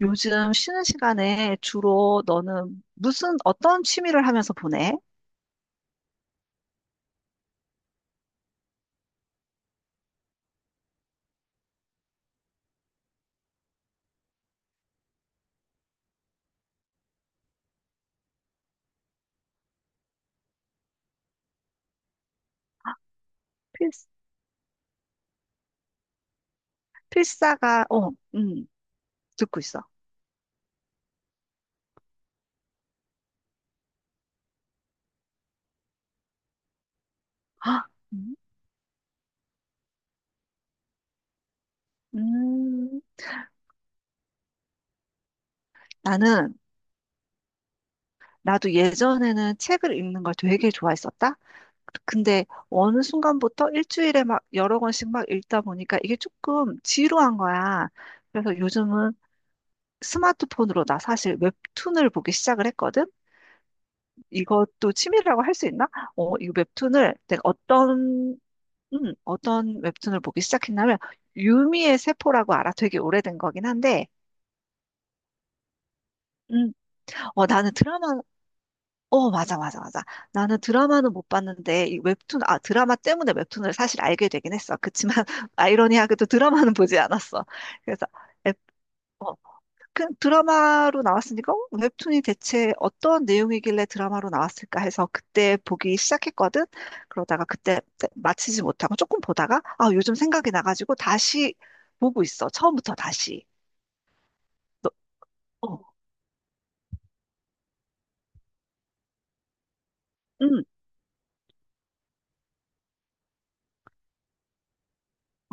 요즘 쉬는 시간에 주로 너는 무슨 어떤 취미를 하면서 보내? 필, 필사가 음, 듣고 있어. 헉, 음, 음, 나는 나도 예전에는 책을 읽는 걸 되게 좋아했었다. 근데 어느 순간부터 일주일에 막 여러 권씩 막 읽다 보니까 이게 조금 지루한 거야. 그래서 요즘은 스마트폰으로 나 사실 웹툰을 보기 시작을 했거든. 이것도 취미라고 할 수 있나? 어, 이 웹툰을 내가 어떤 어떤 웹툰을 보기 시작했냐면 유미의 세포라고 알아. 되게 오래된 거긴 한데, 음, 어 나는 드라마, 어 맞아, 맞아, 맞아. 나는 드라마는 못 봤는데 이 웹툰, 아 드라마 때문에 웹툰을 사실 알게 되긴 했어. 그치만 아이러니하게도 드라마는 보지 않았어. 그래서 에, 어, 그 드라마로 나왔으니까 어? 웹툰이 대체 어떤 내용이길래 드라마로 나왔을까 해서 그때 보기 시작했거든. 그러다가 그때 마치지 못하고 조금 보다가 아, 요즘 생각이 나가지고 다시 보고 있어. 처음부터 다시. 너, 어, 응,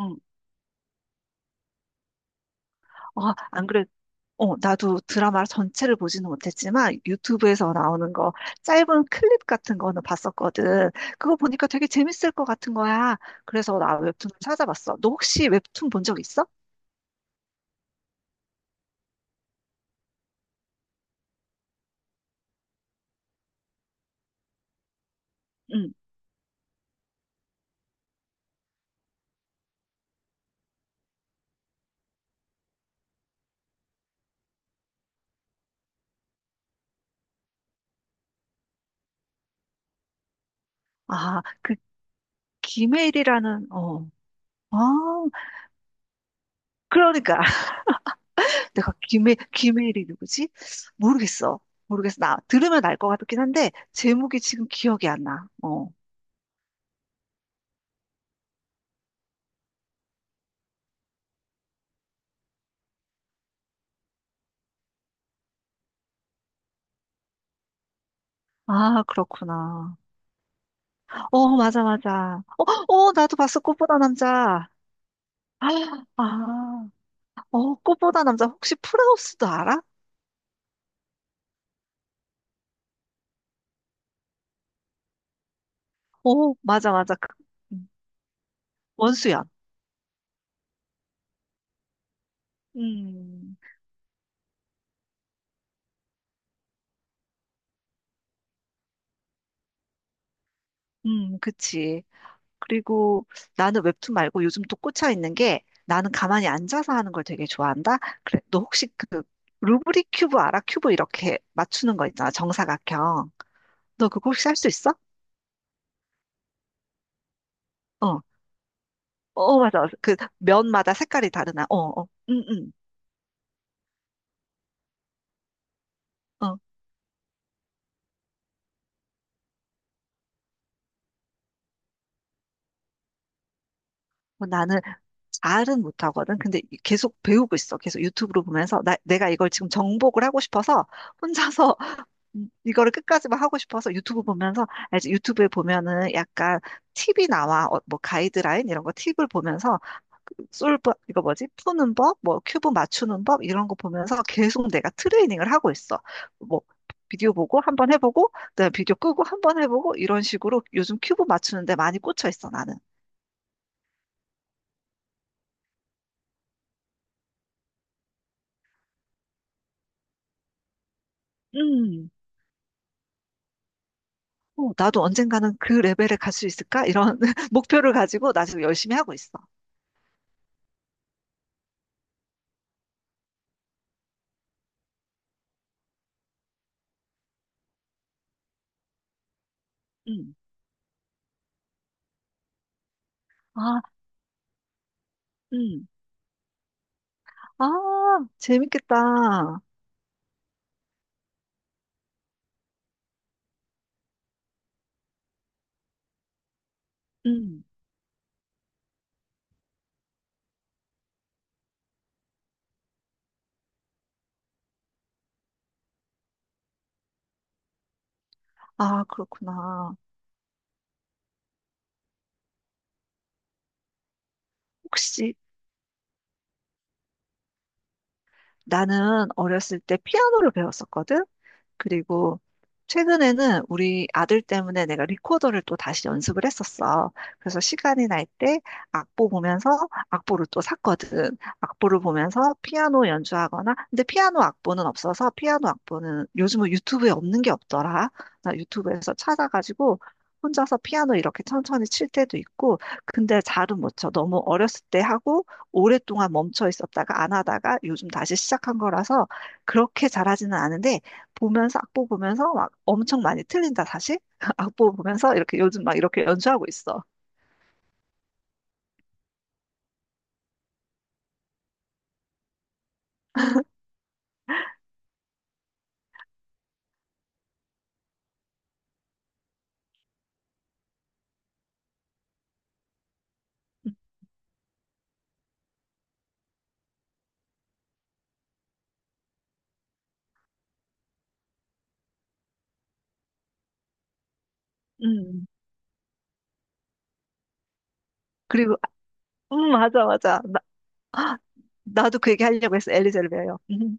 응. 어, 안 그래. 어, 나도 드라마 전체를 보지는 못했지만 유튜브에서 나오는 거 짧은 클립 같은 거는 봤었거든. 그거 보니까 되게 재밌을 것 같은 거야. 그래서 나 웹툰을 찾아봤어. 너 혹시 웹툰 본 적 있어? 응. 아, 그 기메일이라는 어. 아, 그러니까 내가 기메일이 누구지? 모르겠어. 모르겠어. 나 들으면 알 것 같긴 한데 제목이 지금 기억이 안 나. 어. 아, 그렇구나. 어, 맞아, 맞아. 나도 봤어. 꽃보다 남자. 아, 아. 어, 꽃보다 남자. 혹시 프라우스도 알아? 어, 맞아, 맞아. 그, 음, 원수연. 음, 그치. 그리고 나는 웹툰 말고 요즘 또 꽂혀 있는 게 나는 가만히 앉아서 하는 걸 되게 좋아한다. 그래, 너 혹시 그 루브릭 큐브 알아? 큐브 이렇게 맞추는 거 있잖아. 정사각형. 너 그거 혹시 할 수 있어? 어. 어, 어, 맞아. 그 면마다 색깔이 다르나? 어, 어. 응, 응. 어. 뭐 나는 잘은 못하거든. 근데 계속 배우고 있어. 계속 유튜브로 보면서 나, 내가 이걸 지금 정복을 하고 싶어서 혼자서 이거를 끝까지 막 하고 싶어서 유튜브 보면서 알지? 유튜브에 보면은 약간 팁이 나와. 어, 뭐 가이드라인 이런 거 팁을 보면서 그 솔브 이거 뭐지, 푸는 법, 뭐 큐브 맞추는 법 이런 거 보면서 계속 내가 트레이닝을 하고 있어. 뭐 비디오 보고 한 번 해보고 그다음에 비디오 끄고 한 번 해보고 이런 식으로 요즘 큐브 맞추는데 많이 꽂혀 있어 나는. 음 어, 나도 언젠가는 그 레벨에 갈 수 있을까 이런 목표를 가지고 나 지금 열심히 하고 있어. 음. 아, 음. 아, 재밌겠다. 음. 아, 그렇구나. 혹시 나는 어렸을 때 피아노를 배웠었거든? 그리고 최근에는 우리 아들 때문에 내가 리코더를 또 다시 연습을 했었어. 그래서 시간이 날 때 악보 보면서 악보를 또 샀거든. 악보를 보면서 피아노 연주하거나, 근데 피아노 악보는 없어서 피아노 악보는 요즘은 유튜브에 없는 게 없더라. 나 유튜브에서 찾아가지고 혼자서 피아노 이렇게 천천히 칠 때도 있고, 근데 잘은 못 쳐. 너무 어렸을 때 하고 오랫동안 멈춰 있었다가 안 하다가 요즘 다시 시작한 거라서 그렇게 잘하지는 않은데 보면서 악보 보면서 막 엄청 많이 틀린다 다시 악보 보면서 이렇게 요즘 막 이렇게 연주하고 있어. 음 그리고 맞아, 맞아 나 나도 그 얘기 하려고 했어. 엘리제를 배워요.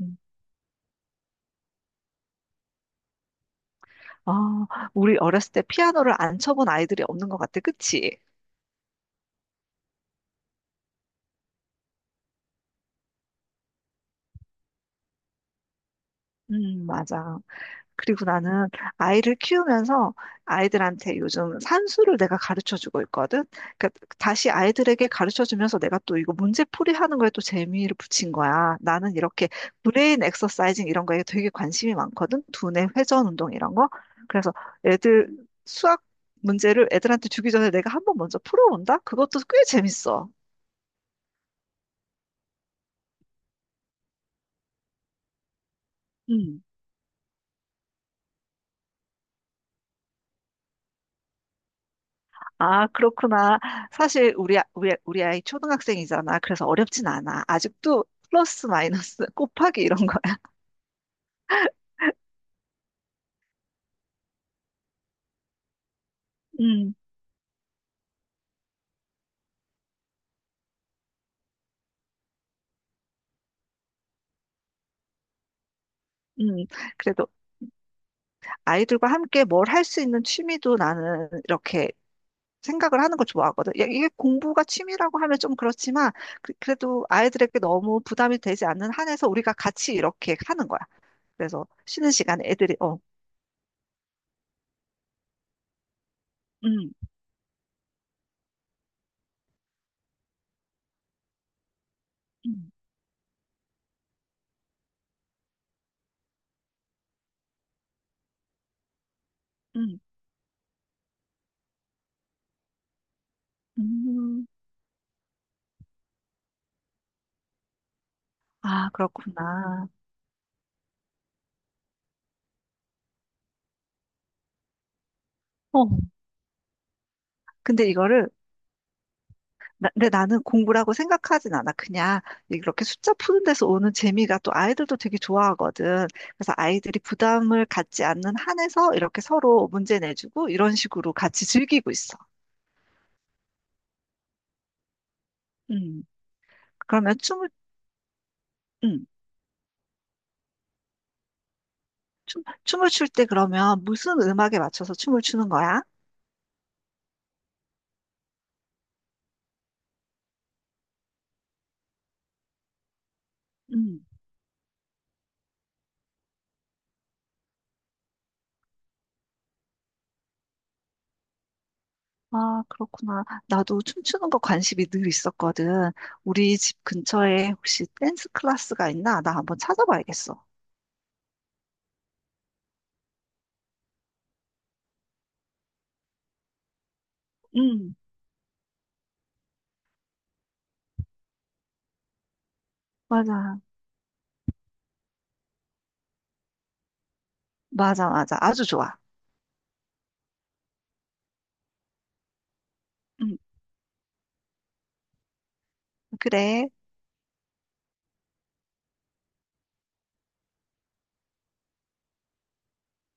음. 아, 우리 어렸을 때 피아노를 안 쳐본 아이들이 없는 것 같아, 그치? 음, 맞아. 그리고 나는 아이를 키우면서 아이들한테 요즘 산수를 내가 가르쳐 주고 있거든. 그러니까 다시 아이들에게 가르쳐 주면서 내가 또 이거 문제풀이 하는 거에 또 재미를 붙인 거야. 나는 이렇게 브레인 엑서사이징 이런 거에 되게 관심이 많거든. 두뇌 회전 운동 이런 거. 그래서 애들 수학 문제를 애들한테 주기 전에 내가 한번 먼저 풀어본다? 그것도 꽤 재밌어. 아, 그렇구나. 우리, 우리 아이 초등학생이잖아. 그래서 어렵진 않아. 아직도 플러스 마이너스 곱하기 이런 거야. 음, 음. 그래도 아이들과 함께 뭘 할 수 있는 취미도 나는 이렇게 생각을 하는 걸 좋아하거든. 야, 이게 공부가 취미라고 하면 좀 그렇지만 그, 래도 아이들에게 너무 부담이 되지 않는 한에서 우리가 같이 이렇게 하는 거야. 그래서 쉬는 시간에 애들이 어, 음, 음, 음, 음. 아, 그렇구나. 어, 근데 이거를 근데 나는 공부라고 생각하진 않아. 그냥 이렇게 숫자 푸는 데서 오는 재미가 또 아이들도 되게 좋아하거든. 그래서 아이들이 부담을 갖지 않는 한에서 이렇게 서로 문제 내주고 이런 식으로 같이 즐기고 있어. 음. 그러면 춤을, 음. 춤을 출 때 그러면 무슨 음악에 맞춰서 춤을 추는 거야? 음. 아, 그렇구나. 나도 춤추는 거 관심이 늘 있었거든. 우리 집 근처에 혹시 댄스 클래스가 있나? 나 한번 찾아봐야겠어. 음. 맞아. 맞아, 맞아. 아주 좋아. 응, 그래.